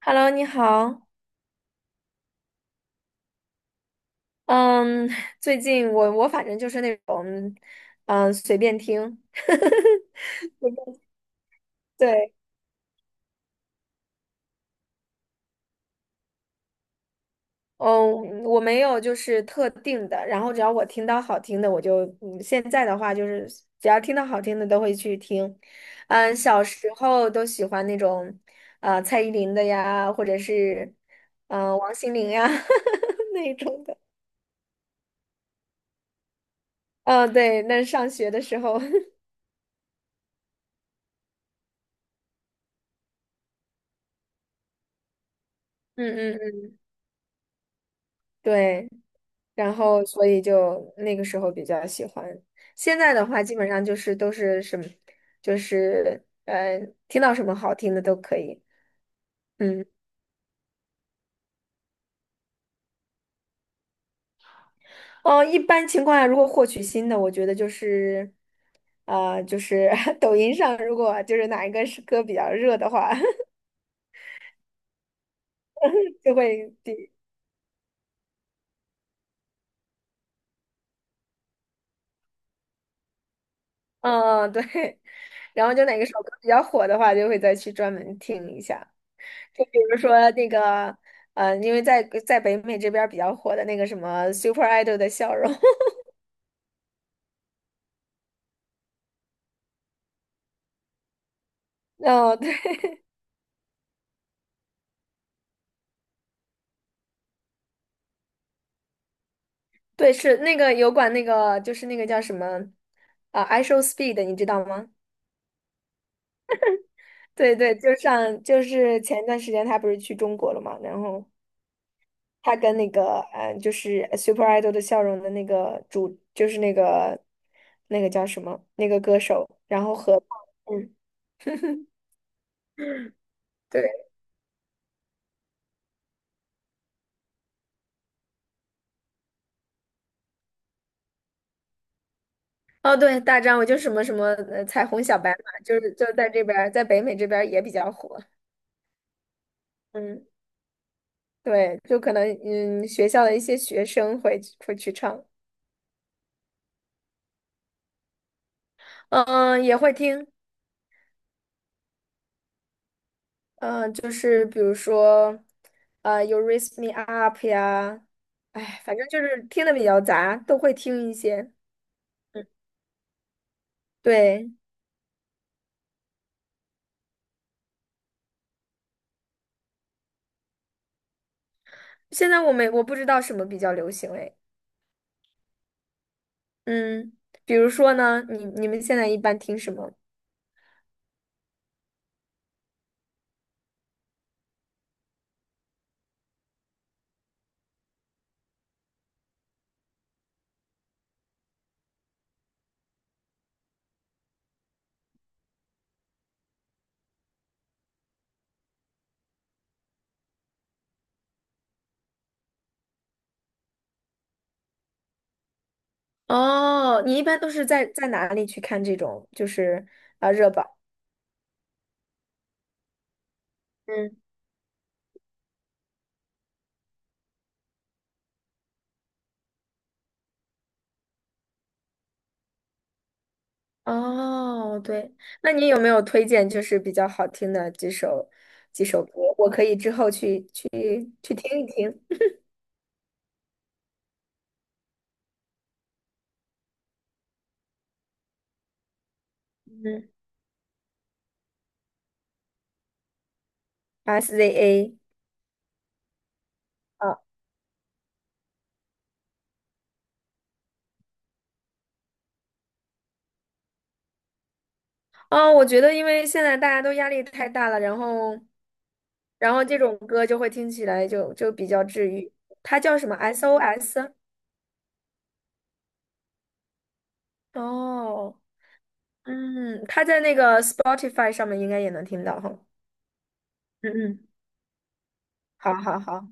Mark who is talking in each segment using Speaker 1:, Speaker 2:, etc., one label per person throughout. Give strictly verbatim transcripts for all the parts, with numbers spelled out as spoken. Speaker 1: Hello，你好。嗯，最近我我反正就是那种，嗯，随便听。对，嗯，我没有就是特定的，然后只要我听到好听的，我就，嗯，现在的话就是只要听到好听的都会去听。嗯，小时候都喜欢那种，呃，蔡依林的呀，或者是，嗯、王心凌呀 那一种的。嗯、对，那上学的时候，嗯嗯嗯，对。然后所以就那个时候比较喜欢。现在的话，基本上就是都是什么，就是呃，听到什么好听的都可以。嗯，哦，一般情况下，如果获取新的，我觉得就是，啊，就是 抖音上，如果就是哪一个是歌比较热的话，就会第，嗯嗯对，然后就哪个首歌比较火的话，就会再去专门听一下。就比如说那个，呃，因为在在北美这边儿比较火的那个什么 Super Idol 的笑容，哦，对 对，是那个油管那个，就是那个叫什么啊，I Show Speed，你知道吗？对对，就上就是前段时间他不是去中国了嘛，然后他跟那个嗯、呃就是 Super Idol 的笑容的那个主，就是那个那个叫什么那个歌手，然后合唱嗯，对，哦对，大张，我就什么什么呃彩虹小白马，就是就在这边儿，在北美这边儿也比较火，嗯，对，就可能嗯学校的一些学生会会去唱。嗯，也会听，嗯，就是比如说，呃，You Raise Me Up 呀，哎，反正就是听的比较杂，都会听一些。对，现在我没我不知道什么比较流行哎，嗯，比如说呢，你你们现在一般听什么？哦，你一般都是在在哪里去看这种就是啊、热榜？嗯，哦，对，那你有没有推荐就是比较好听的几首几首歌？我可以之后去去去听一听。嗯，S Z A 啊，哦，哦我觉得因为现在大家都压力太大了，然后，然后这种歌就会听起来就就比较治愈。它叫什么？S O S？哦，嗯，它在那个 Spotify 上面应该也能听到哈。嗯嗯，好好好。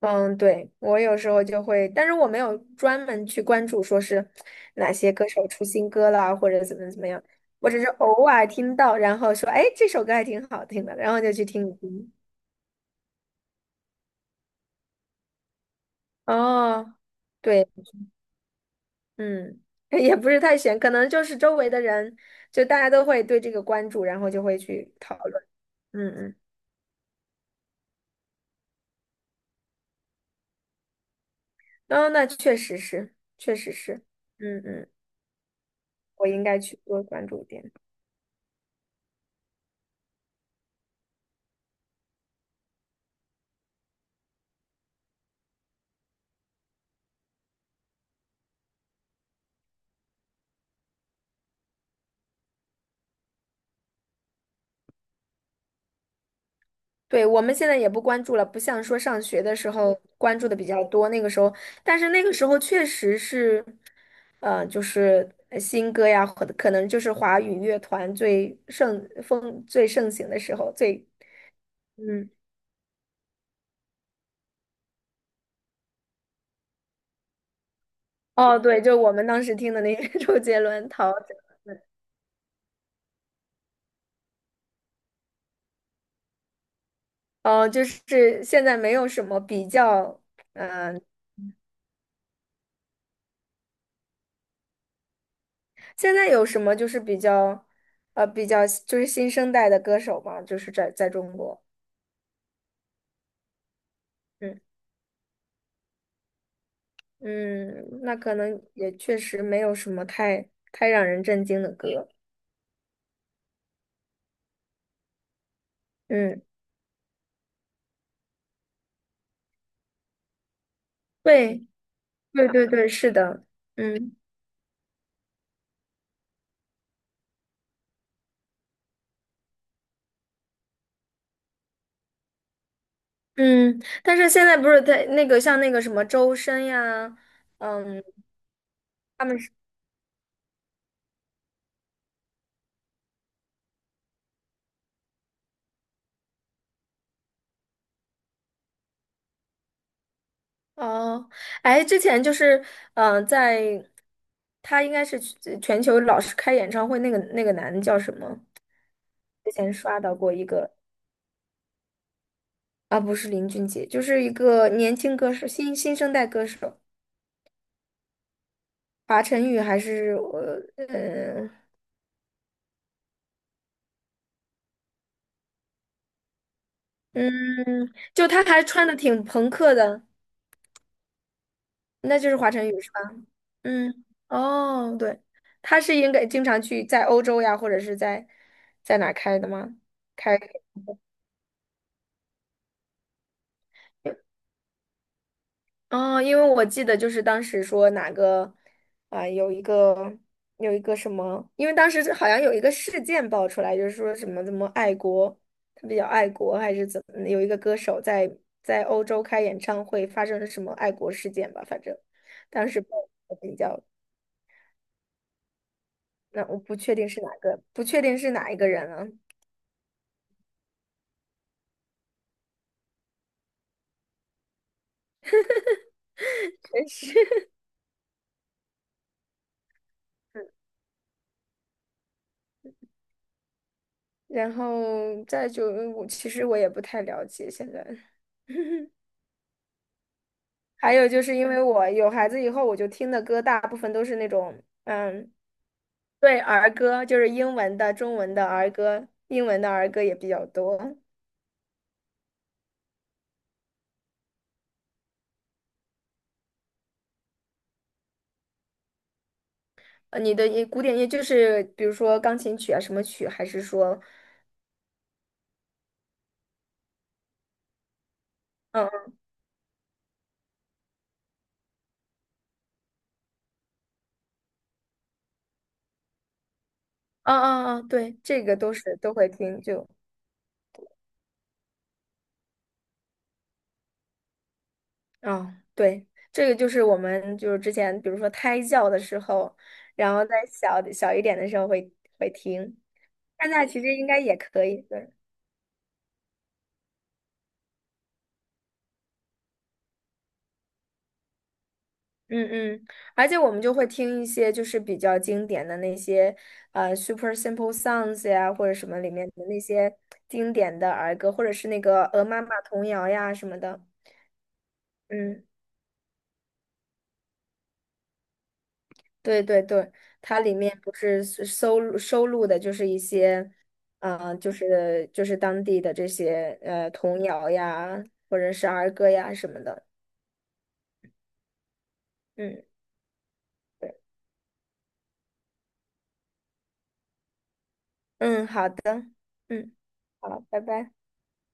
Speaker 1: 嗯，对，我有时候就会，但是我没有专门去关注说是哪些歌手出新歌啦，或者怎么怎么样，我只是偶尔听到，然后说，哎，这首歌还挺好听的，然后就去听一听。哦，对，嗯，也不是太悬，可能就是周围的人，就大家都会对这个关注，然后就会去讨论。嗯嗯，哦，那确实是，确实是，嗯嗯，我应该去多关注一点。对，我们现在也不关注了，不像说上学的时候关注的比较多，那个时候，但是那个时候确实是，呃，就是呃新歌呀，或者可能就是华语乐团最盛风最盛行的时候，最嗯，哦，对，就我们当时听的那个 周杰伦、陶喆，哦，就是现在没有什么比较，嗯、现在有什么就是比较，呃，比较就是新生代的歌手嘛，就是在在中国。嗯。嗯，那可能也确实没有什么太太让人震惊的歌。嗯，对，对对对，是的，嗯嗯，但是现在不是在那个像那个什么周深呀，嗯，他们是哦，哎，之前就是嗯、呃在他应该是全全球老是开演唱会那个那个男的叫什么？之前刷到过一个啊，不是林俊杰，就是一个年轻歌手，新新生代歌手。华晨宇还是我，呃，嗯，就他还穿的挺朋克的，那就是华晨宇是吧？嗯，哦，对，他是应该经常去在欧洲呀，或者是在在哪儿开的吗？开。哦，因为我记得就是当时说哪个啊、有一个有一个什么，因为当时好像有一个事件爆出来，就是说什么怎么爱国，他比较爱国还是怎么，有一个歌手在在欧洲开演唱会发生了什么爱国事件吧，反正当时爆得比较，那我不确定是哪个，不确定是哪一个人了，真是。然后再就嗯我其实我也不太了解现在。还有就是因为我有孩子以后，我就听的歌大部分都是那种，嗯，对，儿歌，就是英文的、中文的儿歌，英文的儿歌也比较多。呃，你的一古典乐就是比如说钢琴曲啊，什么曲，还是说，嗯，啊啊啊，对，这个都是都会听，就，啊，对，这个就是我们就是之前比如说胎教的时候，然后在小小一点的时候会会听，现在其实应该也可以，对。嗯嗯，而且我们就会听一些就是比较经典的那些呃 Super Simple Songs 呀，或者什么里面的那些经典的儿歌，或者是那个《鹅妈妈童谣》呀什么的。嗯，对对对，它里面不是收收录收录的就是一些，呃，就是就是当地的这些呃童谣呀，或者是儿歌呀什么的。嗯嗯，好的，嗯，好，拜拜。